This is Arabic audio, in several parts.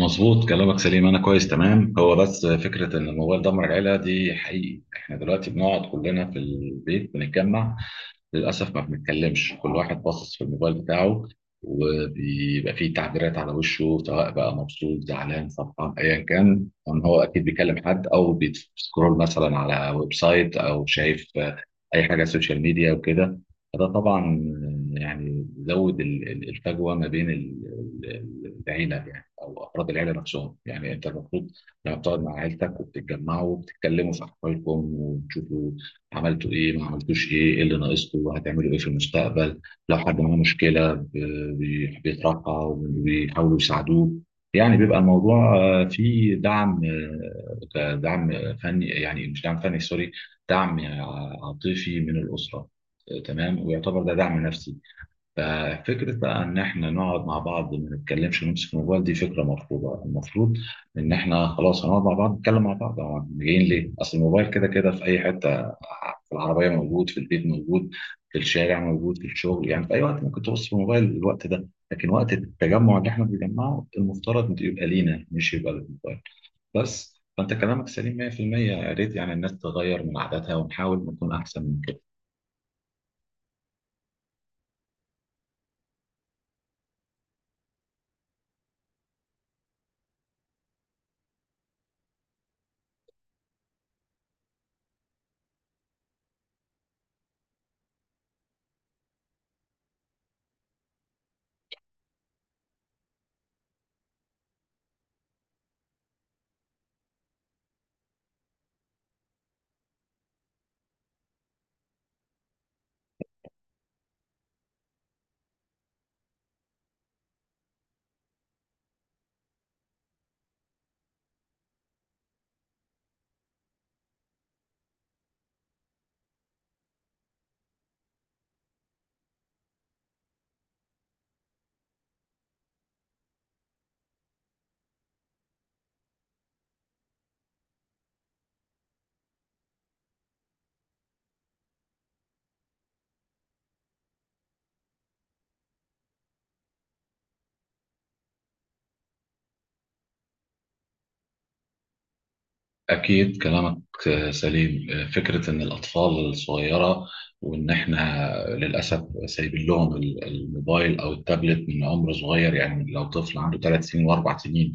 مظبوط، كلامك سليم. انا كويس تمام. هو بس فكره ان الموبايل دمر العيله دي حقيقي. احنا دلوقتي بنقعد كلنا في البيت بنتجمع، للأسف ما بنتكلمش، كل واحد باصص في الموبايل بتاعه. وبيبقى فيه تعبيرات على وشه، سواء بقى مبسوط زعلان فرحان أيا كان، ان هو أكيد بيكلم حد أو بيسكرول مثلا على ويب سايت أو شايف أي حاجة على السوشيال ميديا وكده. فده طبعا يعني زود الفجوة ما بين ال- العيلة، يعني أو أفراد العيلة نفسهم. يعني أنت المفروض لما بتقعد مع عيلتك وبتتجمعوا وبتتكلموا في أحوالكم وتشوفوا عملتوا ايه، ما عملتوش ايه، ايه اللي ناقصكم، هتعملوا ايه في المستقبل. لو حد معاه مشكله بيطرحها وبيحاولوا يساعدوه، يعني بيبقى الموضوع فيه دعم. دعم فني، يعني مش دعم فني، سوري، دعم عاطفي من الاسره. تمام، ويعتبر ده دعم نفسي. ففكرة بقى إن إحنا نقعد مع بعض ما نتكلمش ونمسك الموبايل دي فكرة مرفوضة، المفروض إن إحنا خلاص هنقعد مع بعض نتكلم مع بعض، هو إحنا جايين ليه؟ أصل الموبايل كده كده في أي حتة، في العربية موجود، في البيت موجود، في الشارع موجود، في الشغل، يعني في أي وقت ممكن تبص في الموبايل الوقت ده، لكن وقت التجمع اللي إحنا بنجمعه المفترض يبقى لينا مش يبقى للموبايل. بس فأنت كلامك سليم 100%. يا ريت يعني الناس تغير من عاداتها ونحاول نكون أحسن. أكيد كلامك سليم. فكرة إن الأطفال الصغيرة وإن إحنا للأسف سايبين لهم الموبايل أو التابلت من عمر صغير، يعني لو طفل عنده 3 سنين و4 سنين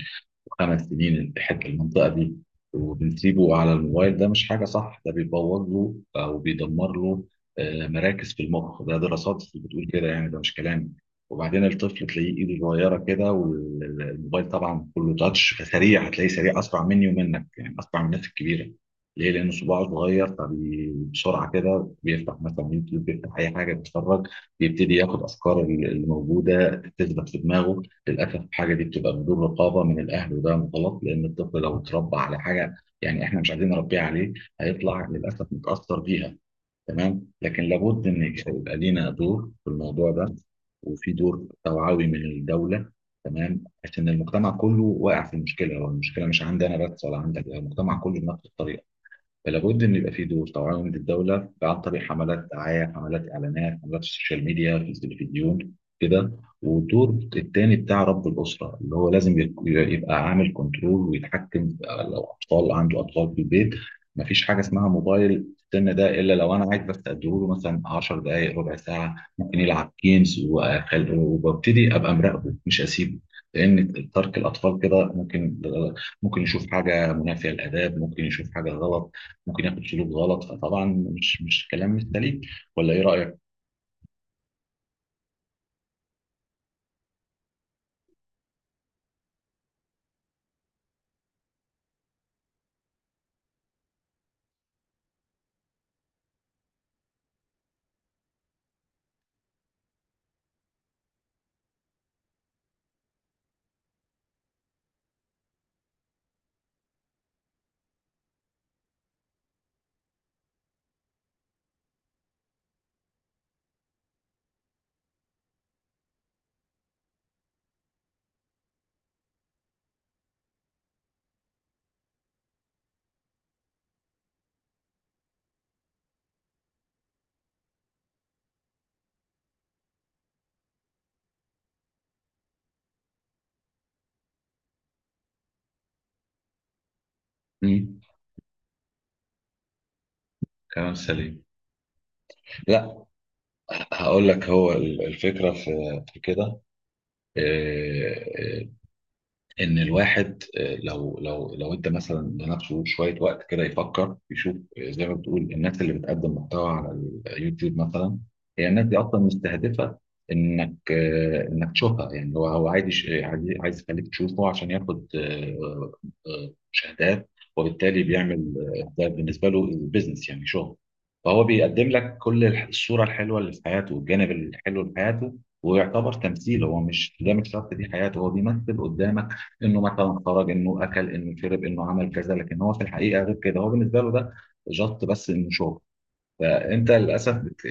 5 سنين الاتحاد المنطقة دي وبنسيبه على الموبايل، ده مش حاجة صح. ده بيبوظ له أو بيدمر له مراكز في المخ، ده دراسات بتقول كده، يعني ده مش كلامي. وبعدين الطفل تلاقيه ايده صغيرة كده، والموبايل طبعا كله تاتش، فسريع هتلاقيه سريع أسرع مني ومنك، يعني أسرع من الناس الكبيرة. ليه؟ لأن صباعه صغير، فبسرعة كده بيفتح مثلا يوتيوب، بيفتح أي حاجة بيتفرج، بيبتدي ياخد أفكار اللي موجودة تثبت في دماغه. للاسف الحاجه دي بتبقى بدون رقابه من الاهل، وده غلط، لان الطفل لو اتربى على حاجه يعني احنا مش عايزين نربيه عليه، هيطلع للاسف متاثر بيها. تمام. لكن لابد ان يبقى لينا دور في الموضوع ده، وفي دور توعوي من الدوله. تمام، عشان المجتمع كله واقع في المشكله، والمشكله مش عندي انا بس ولا عندك، المجتمع كله بنفس الطريقه. فلا بد ان يبقى في دور توعيه من الدوله، عن طريق حملات دعايه، حملات اعلانات، حملات السوشيال ميديا في التلفزيون، كده. والدور التاني بتاع رب الاسره، اللي هو لازم يبقى عامل كنترول ويتحكم لو اطفال عنده اطفال في البيت، مفيش حاجه اسمها موبايل في السن ده، الا لو انا عايز بس اديله مثلا 10 دقائق ربع ساعه ممكن يلعب جيمز، وببتدي ابقى مراقبه مش اسيبه. لان ترك الاطفال كده ممكن يشوف حاجه منافيه للاداب، ممكن يشوف حاجه غلط، ممكن ياخد سلوك غلط، فطبعا مش كلام مش سليم، ولا ايه رأيك؟ مم. كلام سليم. لا، هقول لك هو الفكرة في كده، آه، آه، ان الواحد لو ادى مثلا لنفسه شويه وقت كده يفكر يشوف زي ما بتقول الناس اللي بتقدم محتوى على اليوتيوب مثلا. هي الناس دي اصلا مستهدفه انك تشوفها، يعني هو عايز يش- عايز عايز يخليك تشوفه عشان ياخد مشاهدات. وبالتالي بيعمل ده بالنسبه له بزنس، يعني شغل. فهو بيقدم لك كل الصوره الحلوه اللي في حياته والجانب الحلو في حياته. ويعتبر تمثيل، هو مش، ده مش شرط دي حياته، هو بيمثل قدامك انه مثلا خرج انه اكل انه شرب انه عمل كذا، لكن هو في الحقيقه غير كده، هو بالنسبه له ده جط بس انه شغل. فانت للاسف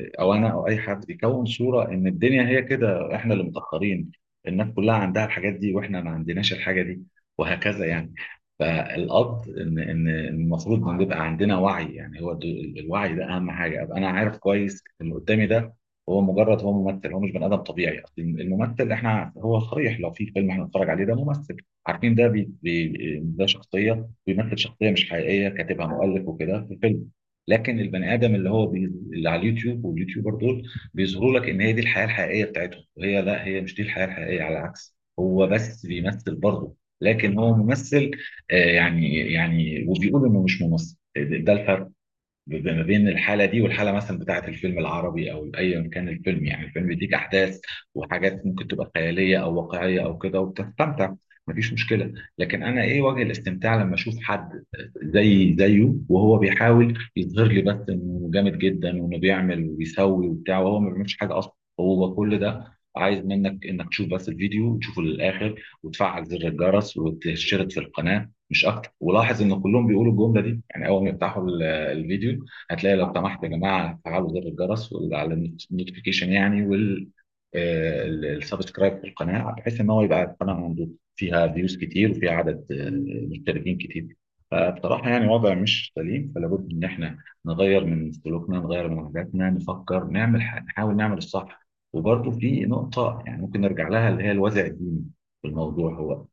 او انا او اي حد بيكون صوره ان الدنيا هي كده، احنا اللي متاخرين، الناس كلها عندها الحاجات دي واحنا ما عندناش الحاجه دي، وهكذا يعني. فالقصد ان المفروض ان يبقى عندنا وعي، يعني هو الوعي ده اهم حاجه. ابقى انا عارف كويس ان اللي قدامي ده هو مجرد، هو ممثل، هو مش بني ادم طبيعي. اصل الممثل احنا هو صريح، لو في فيلم احنا بنتفرج عليه ده ممثل. عارفين ده ده شخصيه بيمثل شخصيه مش حقيقيه كاتبها مؤلف وكده في فيلم. لكن البني ادم اللي هو اللي على اليوتيوب واليوتيوبر دول، بيظهروا لك ان هي دي الحياه الحقيقيه بتاعتهم، وهي لا، هي مش دي الحياه الحقيقيه، على العكس هو بس بيمثل برضه، لكن هو ممثل، يعني وبيقول انه مش ممثل. ده الفرق ما بين الحاله دي والحاله مثلا بتاعه الفيلم العربي او ايا كان الفيلم، يعني الفيلم بيديك احداث وحاجات ممكن تبقى خياليه او واقعيه او كده وبتستمتع، مفيش مشكله. لكن انا ايه وجه الاستمتاع لما اشوف حد زي زيه، وهو بيحاول يظهر لي بس انه جامد جدا وانه بيعمل وبيسوي وبتاع وهو ما بيعملش حاجه اصلا. هو كل ده عايز منك انك تشوف بس الفيديو وتشوفه للاخر وتفعل زر الجرس وتشترك في القناه مش اكتر. ولاحظ ان كلهم بيقولوا الجمله دي، يعني اول ما يفتحوا الفيديو، هتلاقي لو سمحت يا جماعه فعلوا زر الجرس على النوتيفيكيشن يعني، والسبسكرايب في القناه، بحيث ان هو يبقى القناه عنده فيها فيوز كتير وفيها عدد مشتركين كتير. فبصراحه يعني وضع مش سليم، فلا بد ان احنا نغير من سلوكنا نغير من عاداتنا، نفكر نعمل نحاول نعمل الصح. وبرضه في نقطه يعني ممكن نرجع لها اللي هي الوازع الديني في الموضوع. هو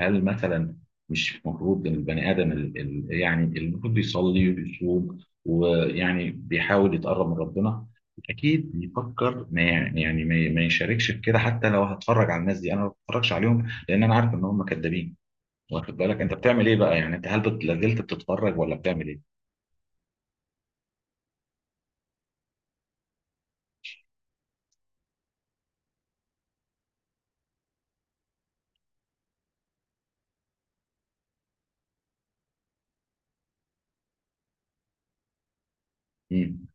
هل مثلا مش المفروض ان البني ادم يعني المفروض يصلي ويصوم ويعني بيحاول يتقرب من ربنا، اكيد بيفكر ما يعني ما يشاركش في كده، حتى لو هتفرج على الناس دي، انا ما بتفرجش عليهم لان انا عارف ان هم كدابين. واخد بالك انت بتعمل ايه بقى، يعني انت هل لازلت بتتفرج ولا بتعمل ايه؟ مم.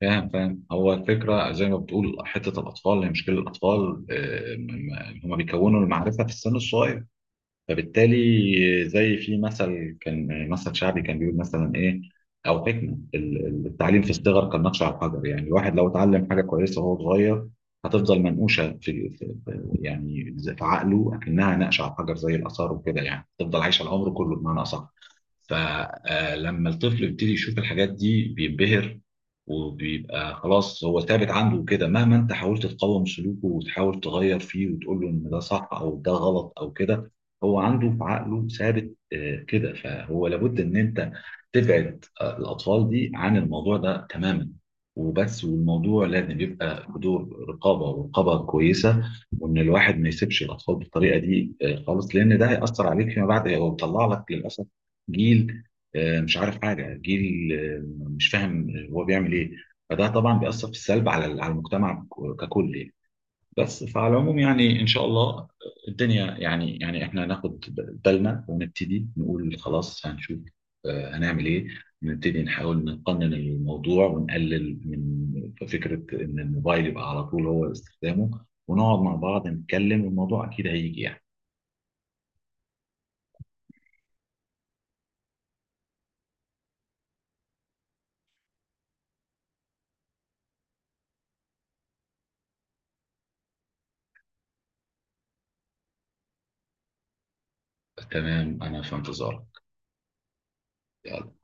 فاهم فاهم، هو الفكره زي ما بتقول، حته الاطفال هي مشكله، الاطفال هم بيكونوا المعرفه في السن الصغير، فبالتالي زي في مثل كان، مثل شعبي كان بيقول مثلا ايه او حكمه، التعليم في الصغر كالنقش على الحجر، يعني الواحد لو اتعلم حاجه كويسه وهو صغير هتفضل منقوشه في عقله اكنها نقش على الحجر زي الاثار وكده، يعني تفضل عايشه العمر كله بمعنى اصح. فلما الطفل يبتدي يشوف الحاجات دي بينبهر، وبيبقى خلاص هو ثابت عنده كده، مهما انت حاولت تقاوم سلوكه وتحاول تغير فيه وتقول له ان ده صح او ده غلط او كده، هو عنده في عقله ثابت كده، فهو لابد ان انت تبعد الاطفال دي عن الموضوع ده تماما وبس. والموضوع لازم يبقى في دور رقابه، ورقابه كويسه، وان الواحد ما يسيبش الاطفال بالطريقه دي خالص، لان ده هياثر عليك فيما بعد، هو بيطلع لك للاسف جيل مش عارف حاجه، جيل مش فاهم هو بيعمل ايه. فده طبعا بيأثر في السلب على المجتمع ككل يعني. بس فعلى العموم يعني ان شاء الله الدنيا، يعني احنا هناخد بالنا ونبتدي نقول خلاص هنشوف هنعمل ايه، نبتدي نحاول نقنن الموضوع ونقلل من فكرة ان الموبايل يبقى على طول هو استخدامه، ونقعد مع بعض نتكلم، والموضوع اكيد هيجي يعني. تمام، انا في انتظارك. يلا.